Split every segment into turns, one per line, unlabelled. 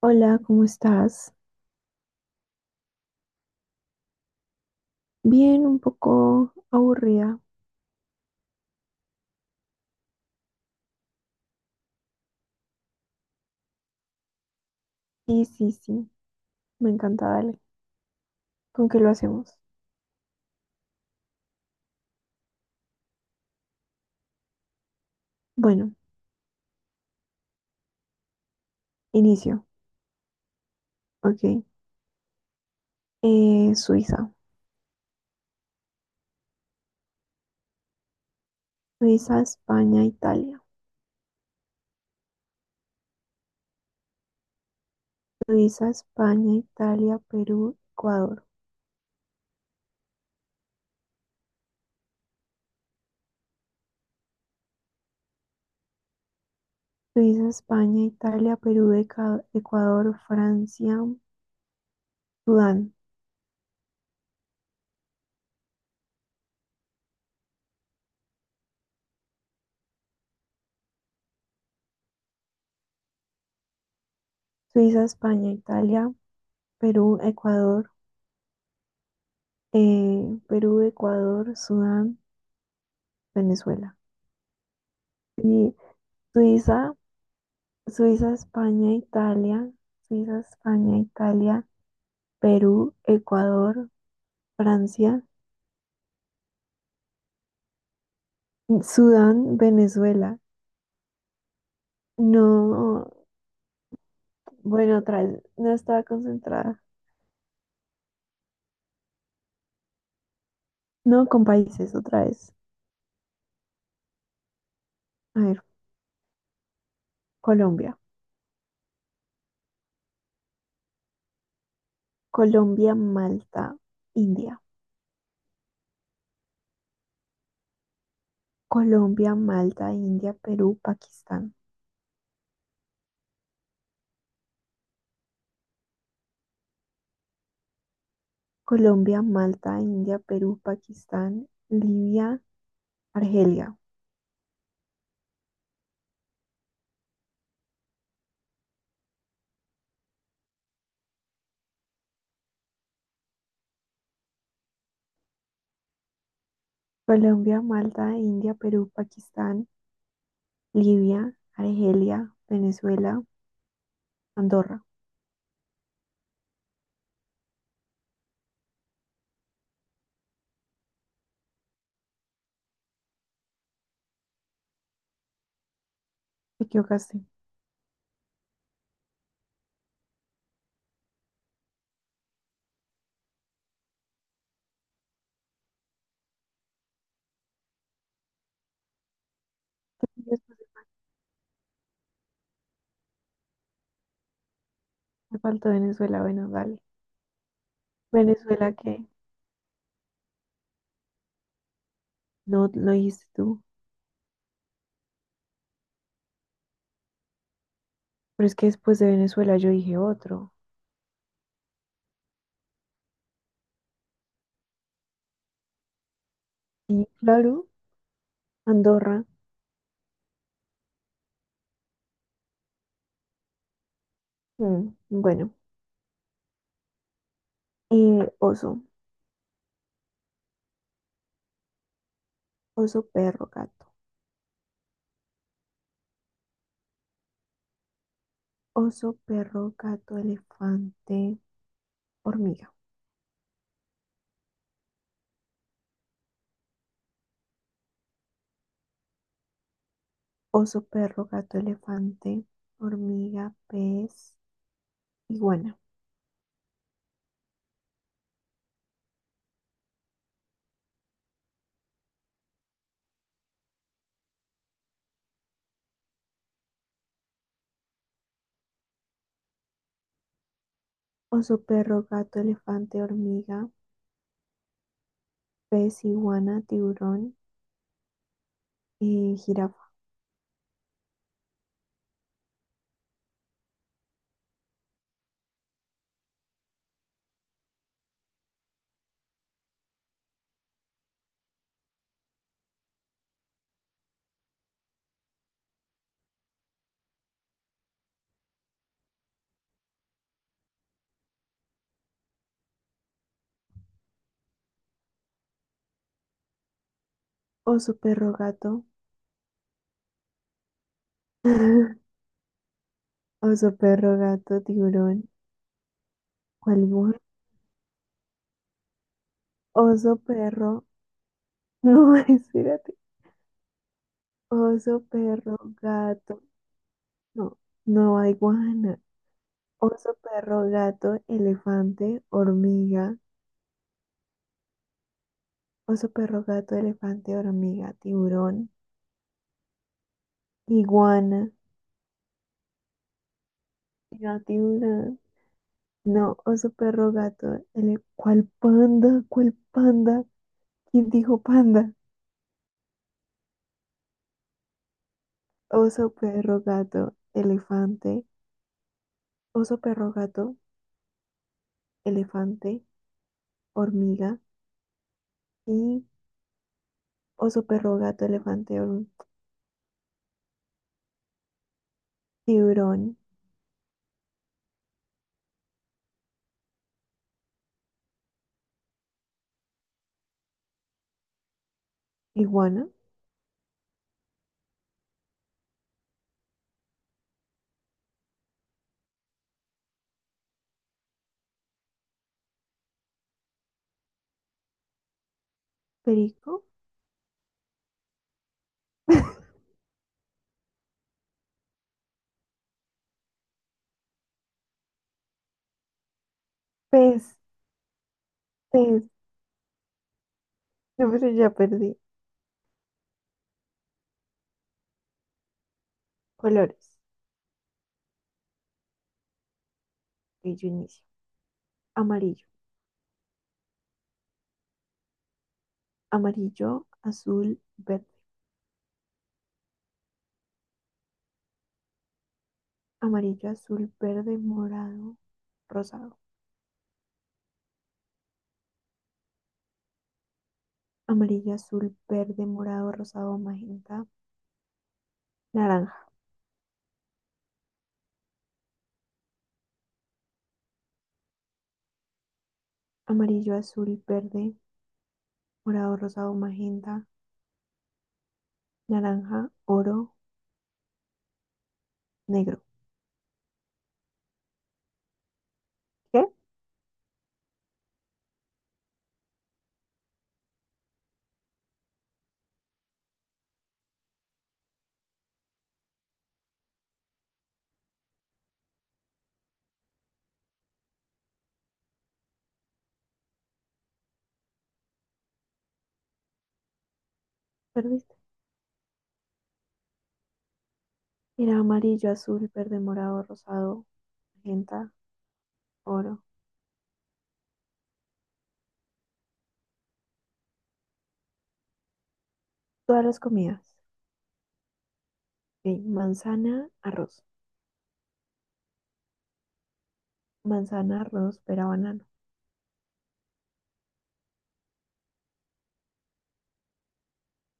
Hola, ¿cómo estás? Bien, un poco aburrida. Sí, sí, sí, me encanta, dale. ¿Con qué lo hacemos? Bueno, inicio. Ok. Suiza. Suiza, España, Italia. Suiza, España, Italia, Perú, Ecuador. Suiza, España, Italia, Perú, Ecuador, Francia, Sudán. Suiza, España, Italia, Perú, Ecuador, eh, Perú, Ecuador, Sudán, Venezuela. Y Suiza. Suiza, España, Italia, Suiza, España, Italia, Perú, Ecuador, Francia, Sudán, Venezuela. No, bueno, otra vez, no estaba concentrada. No, con países, otra vez. A ver, Colombia, Colombia, Malta, India. Colombia, Malta, India, Perú, Pakistán. Colombia, Malta, India, Perú, Pakistán, Libia, Argelia. Colombia, Malta, India, Perú, Pakistán, Libia, Argelia, Venezuela, Andorra. Te equivocaste. Después me faltó Venezuela. Bueno, dale. Venezuela que no lo dijiste tú. Pero es que después de Venezuela yo dije otro. Sí, claro. Andorra. Mm, bueno. Oso. Oso, perro, gato. Oso, perro, gato, elefante, hormiga. Oso, perro, gato, elefante, hormiga, pez, iguana. Oso, perro, gato, elefante, hormiga. Pez, iguana, tiburón, jirafa, oso, perro, gato, oso, perro, gato, tiburón, ¿cuál más? Oso, perro, no, espérate, oso, perro, gato, no, no hay guana, oso, perro, gato, elefante, hormiga, oso, perro, gato, elefante, hormiga, tiburón, iguana, no, tiburón. No, oso, perro, gato. El, ¿cuál panda? ¿Cuál panda? ¿Quién dijo panda? Oso, perro, gato, elefante. Oso, perro, gato, elefante, hormiga. Y oso, perro, gato, elefante, tiburón, iguana, perico, pez, pez. No, pero ya perdí. Colores. Y yo inicio. Amarillo. Amarillo, azul, verde. Amarillo, azul, verde, morado, rosado. Amarillo, azul, verde, morado, rosado, magenta, naranja, amarillo, azul, verde, morado, rosado, magenta, naranja, oro, negro. ¿Qué? ¿Perdiste? Era amarillo, azul, verde, morado, rosado, magenta, oro. Todas las comidas. Ok, manzana, arroz. Manzana, arroz, pera, banano.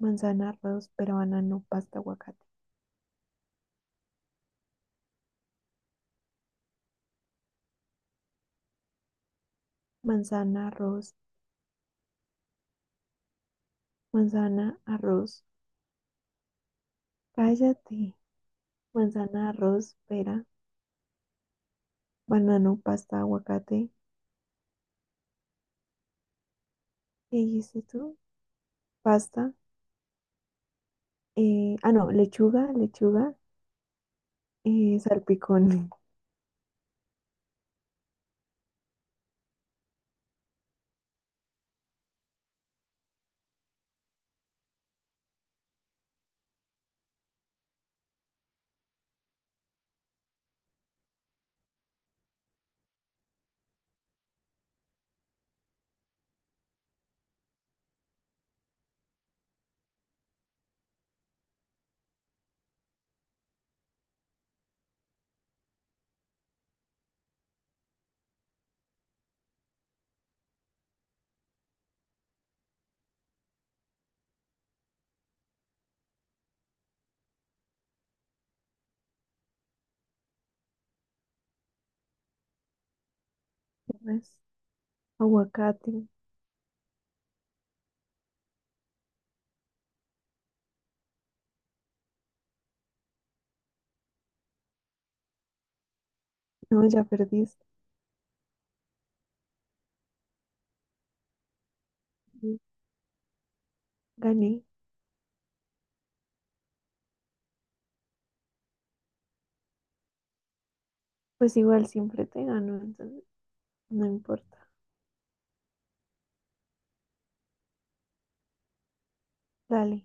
Manzana, arroz, pera, banano, pasta, aguacate. Manzana, arroz, manzana, arroz. Cállate. Manzana, arroz, pera, banano, pasta, aguacate. ¿Qué dijiste tú? Pasta. No, lechuga, lechuga, salpicón, ¿qué más? Aguacate. No, ya perdiste. Gané. Pues igual siempre te gano, entonces no importa. Dale.